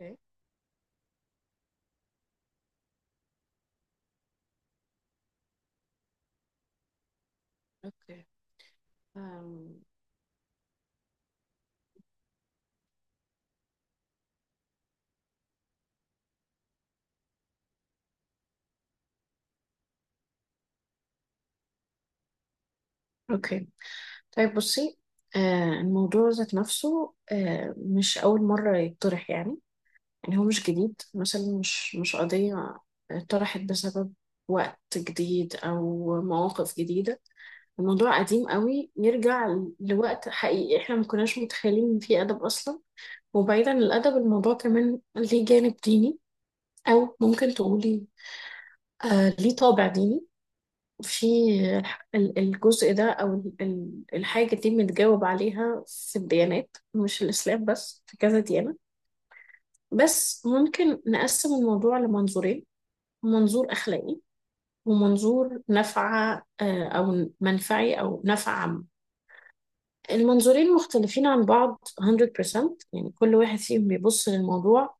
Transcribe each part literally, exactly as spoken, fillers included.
اوكي. اوكي. أم، اوكي. طيب بصي، آه الموضوع ذات نفسه، آه مش أول مرة يطرح. يعني يعني هو مش جديد، مثلا مش مش قضية طرحت بسبب وقت جديد أو مواقف جديدة. الموضوع قديم قوي، يرجع ل- لوقت. حقيقي احنا ما كناش متخيلين ان في أدب أصلا. وبعيدا عن الأدب، الموضوع كمان ليه جانب ديني، أو ممكن تقولي آه ليه طابع ديني. في ال- الجزء ده، او ال- ال- الحاجه دي متجاوب عليها في الديانات، مش الاسلام بس، في كذا ديانه. بس ممكن نقسم الموضوع لمنظورين: منظور اخلاقي، ومنظور نفع، آه، او منفعي، او نفع عام. المنظورين مختلفين عن بعض مية بالمية. يعني كل واحد فيهم بيبص للموضوع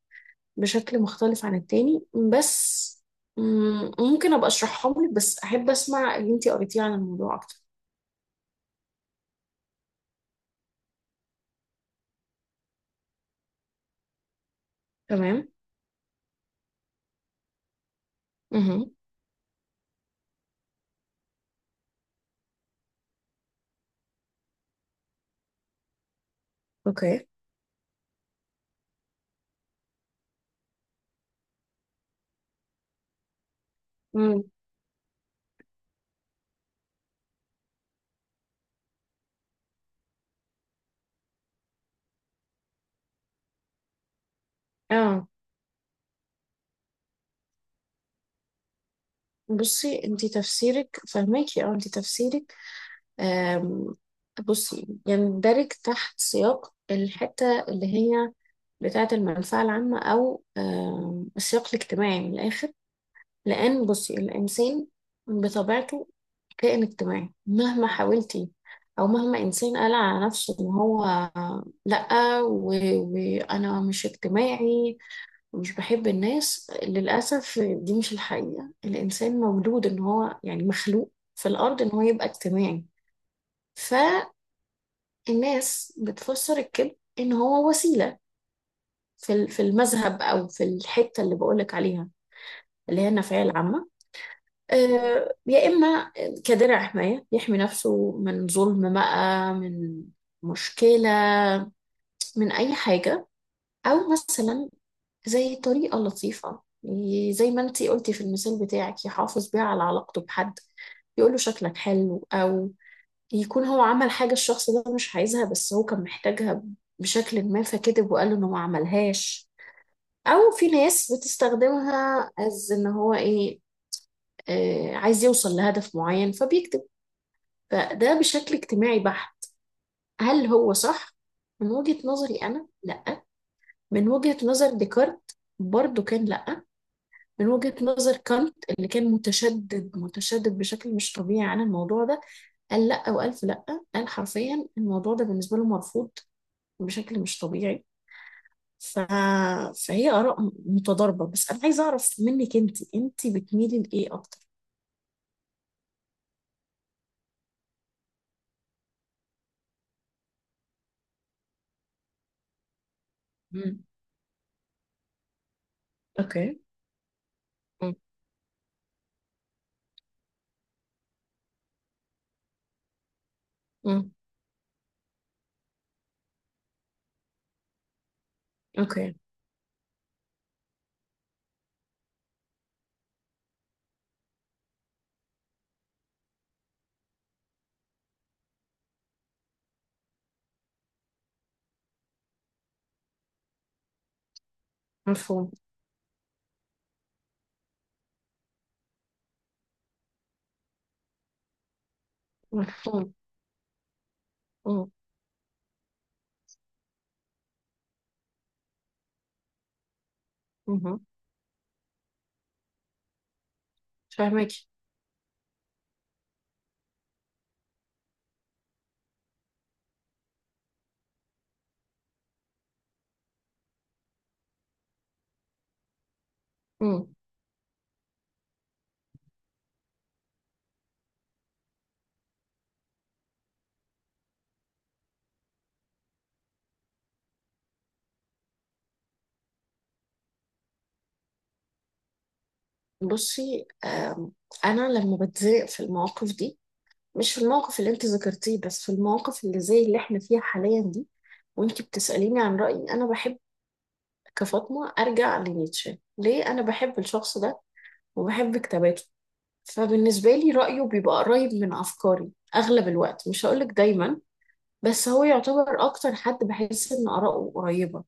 بشكل مختلف عن التاني. بس مم، ممكن ابقى اشرحهم لك، بس احب اسمع اللي انتي قريتيه عن الموضوع اكتر. تمام. مهم. اوكي. امم اه بصي، انتي تفسيرك فهماكي. اه انتي تفسيرك. آم، بصي، يندرج تحت سياق الحتة اللي هي بتاعة المنفعة العامة، أو آم، السياق الاجتماعي من الآخر. لأن بصي، الإنسان بطبيعته كائن اجتماعي، مهما حاولتي أو مهما إنسان قال على نفسه إن هو لأ و- وأنا مش اجتماعي، مش بحب الناس. للأسف دي مش الحقيقة، الإنسان مولود إن هو، يعني، مخلوق في الأرض إن هو يبقى اجتماعي. فالناس بتفسر الكذب إن هو وسيلة، في ال- في المذهب، أو في الحتة اللي بقولك عليها، اللي هي النفعية العامة. آه، يا إما كدرع حماية يحمي نفسه من ظلم، بقى، من مشكلة، من أي حاجة. أو مثلا زي طريقة لطيفة، ي- زي ما انتي قلتي في المثال بتاعك، يحافظ بيها على علاقته بحد، يقول له شكلك حلو. أو يكون هو عمل حاجة الشخص ده مش عايزها، بس هو كان محتاجها بشكل ما، فكذب وقال له إنه ما عملهاش. أو في ناس بتستخدمها از إن هو إيه، آه عايز يوصل لهدف معين فبيكتب. فده بشكل اجتماعي بحت. هل هو صح؟ من وجهة نظري أنا، لأ. من وجهة نظر ديكارت برضو كان لأ. من وجهة نظر كانت، اللي كان متشدد متشدد بشكل مش طبيعي عن الموضوع ده، قال لأ وألف لأ. قال حرفيا الموضوع ده بالنسبة له مرفوض بشكل مش طبيعي. ف... فهي آراء م- متضاربة. بس أنا عايزة أعرف منك أنت، أنت بتميلي لإيه أكتر؟ مم. أوكي. مم. مم. أوكي. مفهوم. مفهوم. مم. مهم. فاهمك. مم. بصي آم، أنا لما بتضايق في المواقف دي، مش في الموقف اللي انت ذكرتيه، بس في المواقف اللي زي اللي احنا فيها حاليا دي، وانت بتسأليني عن رأيي، انا بحب كفاطمة ارجع لنيتشه. ليه انا بحب الشخص ده وبحب كتاباته؟ فبالنسبة لي رأيه بيبقى قريب من افكاري اغلب الوقت، مش هقولك دايما، بس هو يعتبر اكتر حد بحس ان آراءه قريبة.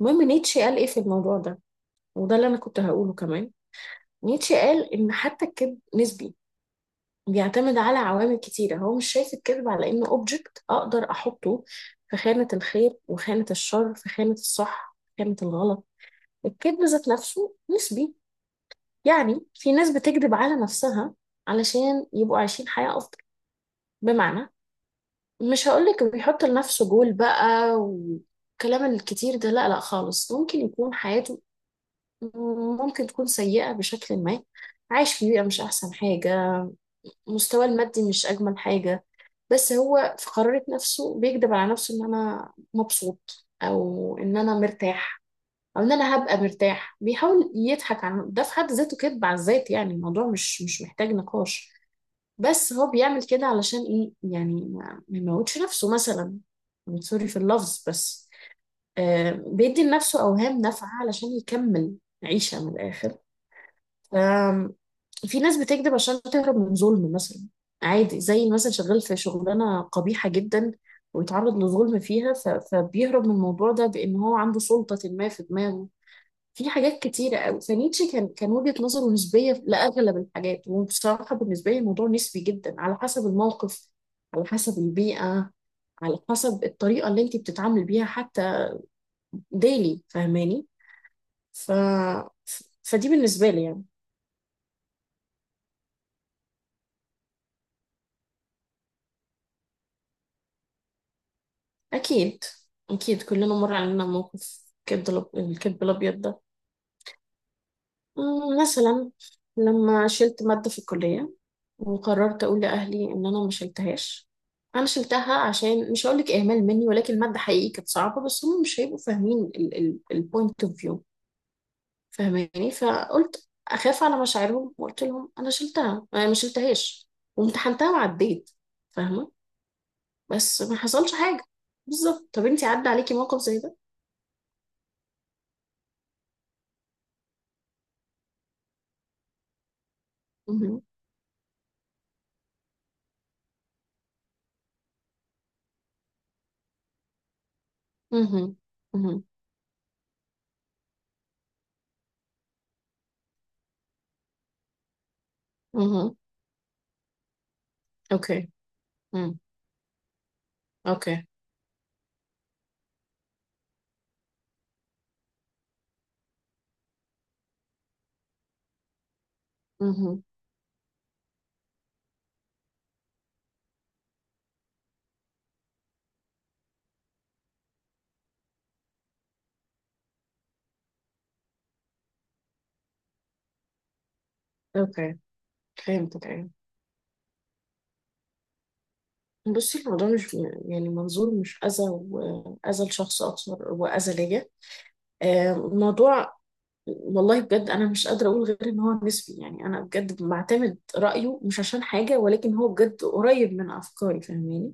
المهم، نيتشه قال ايه في الموضوع ده، وده اللي انا كنت هقوله كمان. نيتشه قال ان حتى الكذب نسبي، بيعتمد على عوامل كتيرة. هو مش شايف الكذب على إنه أوبجكت أقدر أحطه في خانة الخير وخانة الشر، في خانة الصح في خانة الغلط. الكذب ذات نفسه نسبي. يعني في ناس بتكذب على نفسها علشان يبقوا عايشين حياة أفضل. بمعنى، مش هقولك بيحط لنفسه جول بقى والكلام الكتير ده، لا لا خالص، ممكن يكون حياته ممكن تكون سيئة بشكل ما، عايش في بيئة مش أحسن حاجة، مستواه المادي مش أجمل حاجة. بس هو في قرارة نفسه بيكذب على نفسه ان انا مبسوط، او ان انا مرتاح، او ان انا هبقى مرتاح. بيحاول يضحك عن ده، في حد ذاته كذب على الذات، يعني الموضوع مش مش محتاج نقاش. بس هو بيعمل كده علشان ايه؟ يعني ما ما يموتش نفسه مثلا. سوري في اللفظ بس. آه بيدي لنفسه اوهام نافعة علشان يكمل عيشة من الاخر. في ناس بتكذب عشان تهرب من ظلم مثلا، عادي، زي مثلا شغال في شغلانة قبيحة جدا ويتعرض لظلم فيها، ف... فبيهرب من الموضوع ده بأن هو عنده سلطة ما في دماغه. في حاجات كتيرة قوي. فنيتشه كان كان وجهة نظره نسبية لأغلب الحاجات. وبصراحة بالنسبة لي الموضوع نسبي جدا، على حسب الموقف، على حسب البيئة، على حسب الطريقة اللي انت بتتعامل بيها حتى. ديلي فاهماني؟ ف... ف- فدي بالنسبة لي، يعني. أكيد، أكيد كلنا مر علينا موقف الكذب الأب- الكذب الأبيض ده. مم، مثلا لما شلت مادة في الكلية وقررت أقول لأهلي إن أنا ما شلتهاش. أنا شلتها، عشان مش هقولك إهمال مني، ولكن المادة حقيقي كانت صعبة، بس هم مش هيبقوا فاهمين البوينت اوف فيو. فاهماني؟ فقلت أخاف على مشاعرهم، وقلت لهم أنا شلتها. أنا ما شلتهاش، وامتحنتها وعديت. فاهمة؟ بس ما حصلش حاجة. بالظبط، طب انتي عدى عليكي موقف زي ده؟ مهم. مهم. مهم. اوكي. مم. اوكي. مهم. اوكي. فهمتك. ايوه. بصي الموضوع مش، يعني منظور، مش اذى، واذى لشخص اكثر، واذى ليا. آه، الموضوع، والله بجد انا مش قادره اقول غير ان هو نسبي. يعني انا بجد بعتمد رايه، مش عشان حاجه، ولكن هو بجد قريب من افكاري. فاهماني؟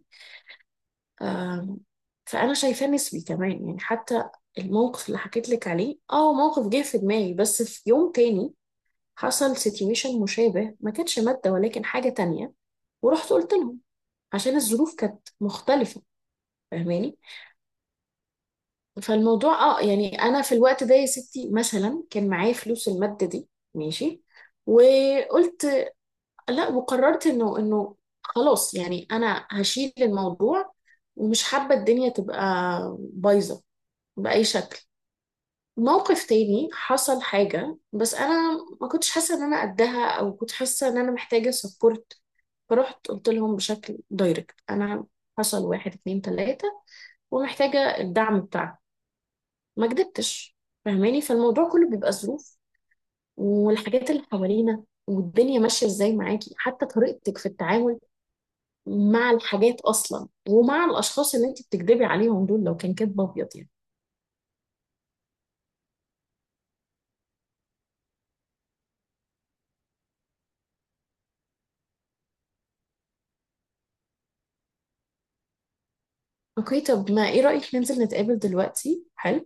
آم، فانا شايفاه نسبي كمان. يعني حتى الموقف اللي حكيت لك عليه، اه موقف جه في دماغي، بس في يوم تاني حصل سيتويشن مشابه، ما كانتش مادة ولكن حاجة تانية. ورحت قلت لهم، عشان الظروف كانت مختلفة. فاهماني؟ فالموضوع اه يعني انا في الوقت ده يا ستي مثلا كان معايا فلوس المادة دي، ماشي. وقلت لا، وقررت انه انه خلاص، يعني انا هشيل الموضوع، ومش حابة الدنيا تبقى بايظة بأي شكل. موقف تاني حصل حاجة، بس أنا ما كنتش حاسة إن أنا قدها، أو كنت حاسة إن أنا محتاجة سبورت. فرحت قلت لهم بشكل دايركت: أنا حصل واحد اتنين تلاتة، ومحتاجة الدعم بتاعك. ما كدبتش. فاهماني؟ فالموضوع كله بيبقى ظروف، والحاجات اللي حوالينا، والدنيا ماشية ازاي معاكي، حتى طريقتك في التعامل مع الحاجات أصلا، ومع الأشخاص اللي انت بتكدبي عليهم دول لو كان كدب أبيض يعني. اوكي، طب ما ايه رأيك ننزل نتقابل دلوقتي؟ حلو،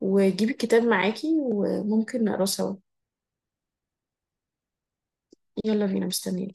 وجيبي الكتاب معاكي وممكن نقراه سوا. يلا بينا، مستنيين.